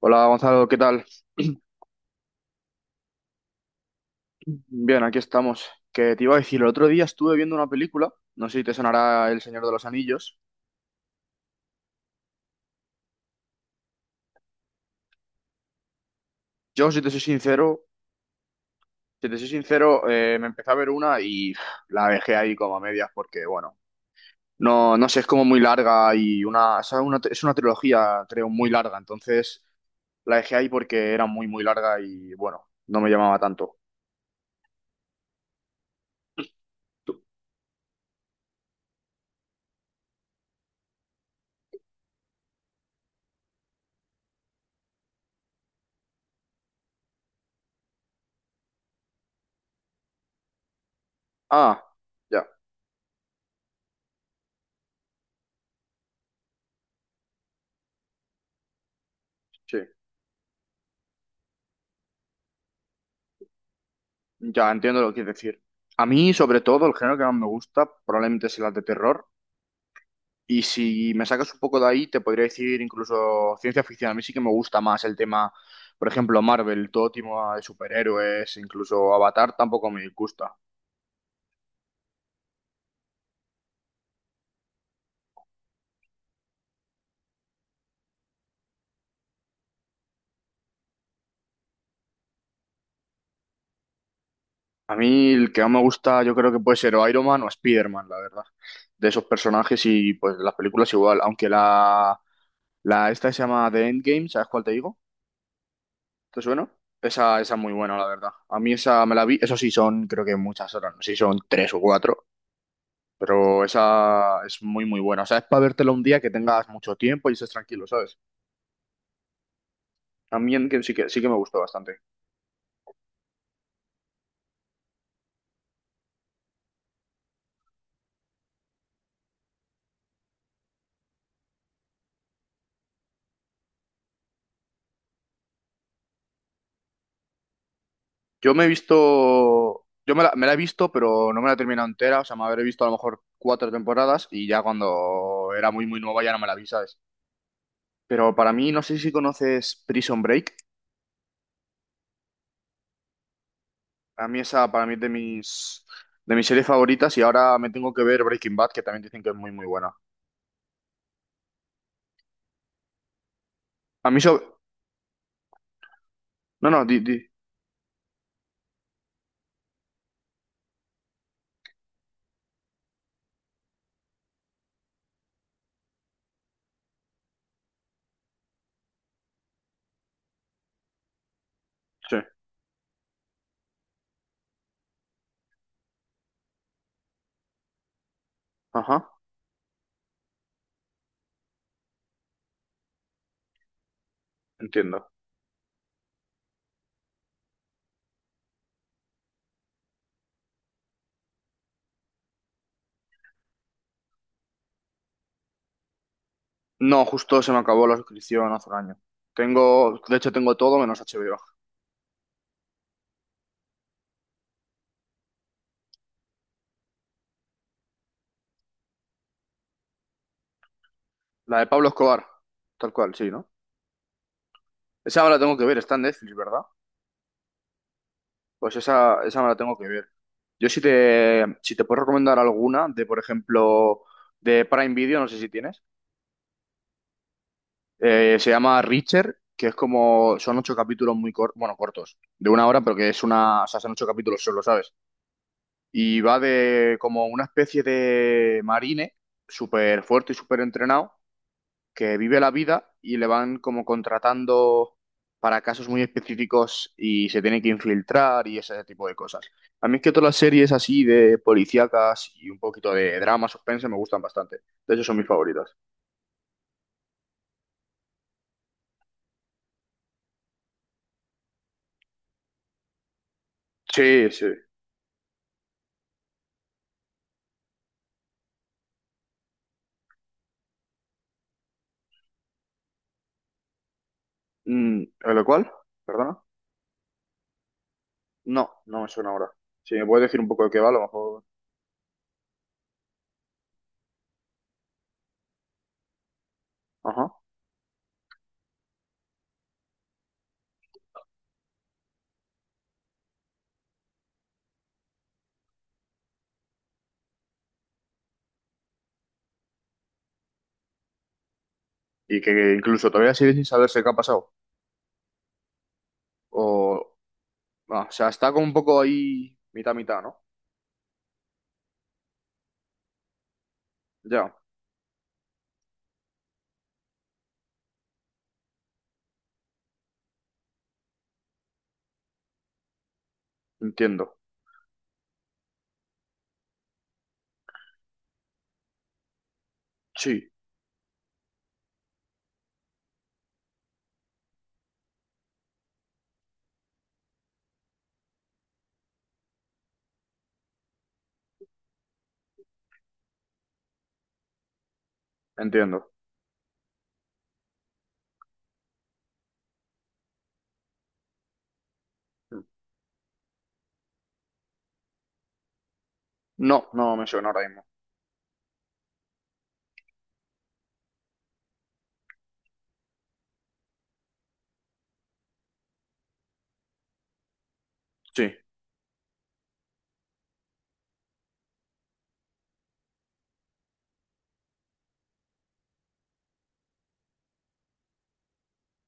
Hola Gonzalo, ¿qué tal? Bien, aquí estamos. Que te iba a decir, el otro día estuve viendo una película, no sé si te sonará El Señor de los Anillos. Yo, si te soy sincero, me empecé a ver una y la dejé ahí como a medias porque, bueno, no, no sé, es como muy larga y es una trilogía, creo, muy larga. Entonces la dejé ahí porque era muy, muy larga y, bueno, no me llamaba tanto. Tú- Ah, ya, sí. Ya entiendo lo que quieres decir. A mí, sobre todo, el género que más me gusta probablemente es el de terror. Y si me sacas un poco de ahí, te podría decir incluso ciencia ficción. A mí sí que me gusta más el tema, por ejemplo, Marvel, todo tipo de superhéroes, incluso Avatar tampoco me gusta. A mí el que más me gusta, yo creo que puede ser o Iron Man o Spider-Man, la verdad. De esos personajes y pues las películas igual. Aunque la esta que se llama The Endgame, ¿sabes cuál te digo? ¿Te suena? Esa es muy buena, la verdad. A mí esa me la vi, eso sí son, creo que muchas horas, no sé si son tres o cuatro, pero esa es muy, muy buena. O sea, es para vértela un día que tengas mucho tiempo y estés tranquilo, ¿sabes? A mí en que sí que me gustó bastante. Yo me he visto, yo me la he visto, pero no me la he terminado entera, o sea, me habré visto a lo mejor cuatro temporadas y ya cuando era muy, muy nueva ya no me la vi, ¿sabes? Pero para mí, no sé si conoces Prison Break. A mí esa, para mí es de mis series favoritas y ahora me tengo que ver Breaking Bad, que también dicen que es muy, muy buena. A mí sobre... No, no, di, di. Sí. Ajá, entiendo. No, justo se me acabó la suscripción hace un año. Tengo, de hecho tengo todo menos HBO. La de Pablo Escobar, tal cual, sí, ¿no? Esa me la tengo que ver, está en Netflix, ¿verdad? Pues esa me la tengo que ver. Yo si te puedo recomendar alguna de, por ejemplo, de Prime Video, no sé si tienes. Se llama Reacher, que es como, son ocho capítulos muy cortos, bueno, cortos, de una hora, pero que es una, o sea, son ocho capítulos solo, ¿sabes? Y va de como una especie de marine, súper fuerte y súper entrenado, que vive la vida y le van como contratando para casos muy específicos y se tiene que infiltrar y ese tipo de cosas. A mí es que todas las series así de policíacas y un poquito de drama, suspense, me gustan bastante. De hecho, son mis favoritas. Sí, sí. ¿Lo cual? ¿Perdona? No, no me suena ahora. Si me puedes decir un poco de qué va, a lo mejor. Ajá. Y que incluso todavía sigue sin saberse qué ha pasado. O. Ah, o sea, está como un poco ahí mitad mitad, ¿no? Ya, entiendo. Sí, entiendo. No, no me suena ahora mismo. Sí.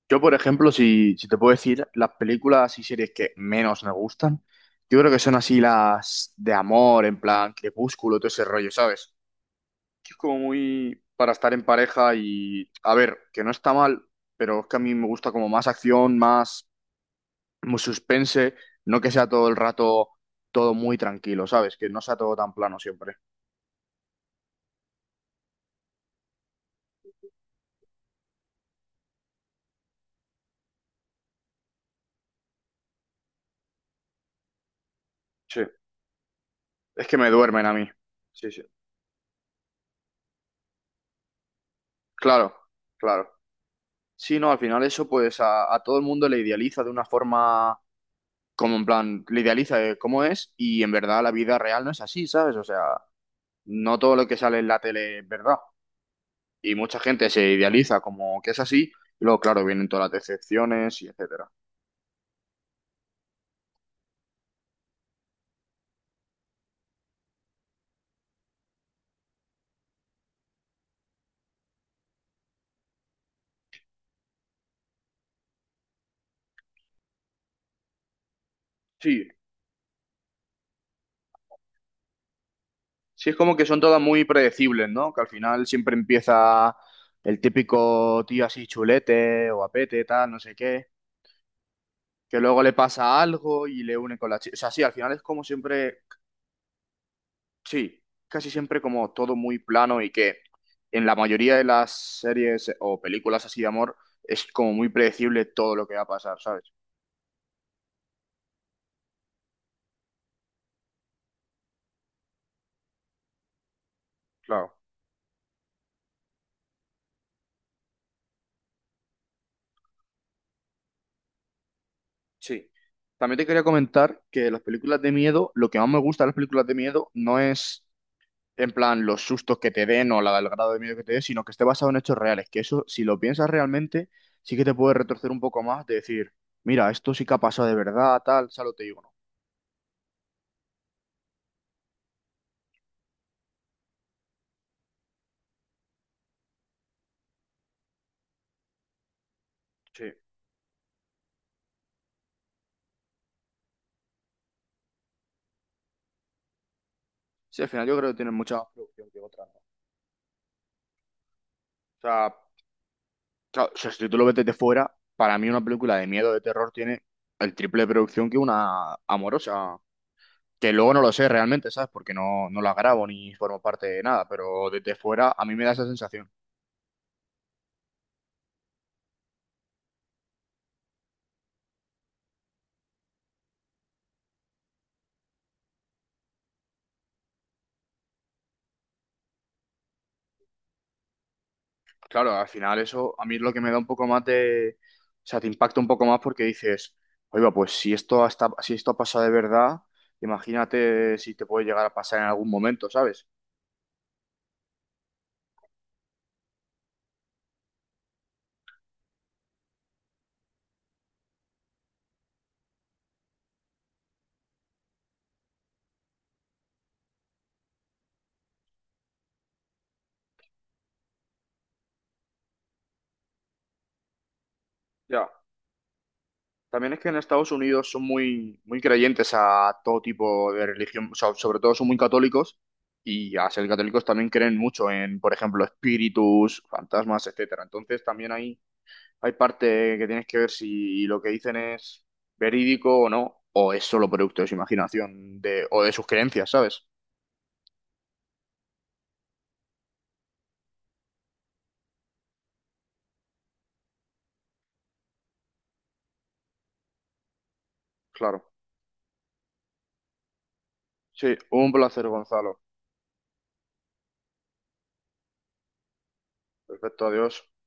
Yo, por ejemplo, si te puedo decir las películas y series que menos me gustan, yo creo que son así las de amor, en plan Crepúsculo, todo ese rollo, ¿sabes? Es como muy para estar en pareja y, a ver, que no está mal, pero es que a mí me gusta como más acción, más, suspense, no que sea todo el rato todo muy tranquilo, ¿sabes? Que no sea todo tan plano siempre. Sí, es que me duermen a mí. Sí, sí. Claro, claro. Sí, no, al final eso pues a todo el mundo le idealiza de una forma como en plan, le idealiza de cómo es y en verdad la vida real no es así, ¿sabes? O sea, no todo lo que sale en la tele es verdad. Y mucha gente se idealiza como que es así, y luego, claro, vienen todas las decepciones y etcétera. Sí, sí, es como que son todas muy predecibles, ¿no? Que al final siempre empieza el típico tío así chulete o apete, tal, no sé qué, que luego le pasa algo y le une con la chica. O sea, sí, al final es como siempre, sí, casi siempre como todo muy plano y que en la mayoría de las series o películas así de amor es como muy predecible todo lo que va a pasar, ¿sabes? Claro. Sí. También te quería comentar que las películas de miedo, lo que más me gusta de las películas de miedo no es en plan los sustos que te den o la, el grado de miedo que te den, sino que esté basado en hechos reales, que eso, si lo piensas realmente, sí que te puede retorcer un poco más de decir, mira, esto sí que ha pasado de verdad, tal, solo te digo, no. Sí. Sí, al final yo creo que tienen mucha más producción que otras, ¿no? O sea, claro, o sea, si tú lo ves desde fuera, para mí una película de miedo, de terror, tiene el triple de producción que una amorosa. Que luego no lo sé realmente, ¿sabes? Porque no, no las grabo ni formo parte de nada, pero desde fuera a mí me da esa sensación. Claro, al final eso a mí es lo que me da un poco más de... O sea, te impacta un poco más porque dices, oiga, pues si esto, hasta, si esto ha pasado de verdad, imagínate si te puede llegar a pasar en algún momento, ¿sabes? Ya. También es que en Estados Unidos son muy, muy creyentes a todo tipo de religión, o sea, sobre todo son muy católicos y a ser católicos también creen mucho en, por ejemplo, espíritus, fantasmas, etcétera. Entonces también hay parte que tienes que ver si lo que dicen es verídico o no, o es solo producto de su imaginación de, o de sus creencias, ¿sabes? Claro. Sí, un placer, Gonzalo. Perfecto, adiós.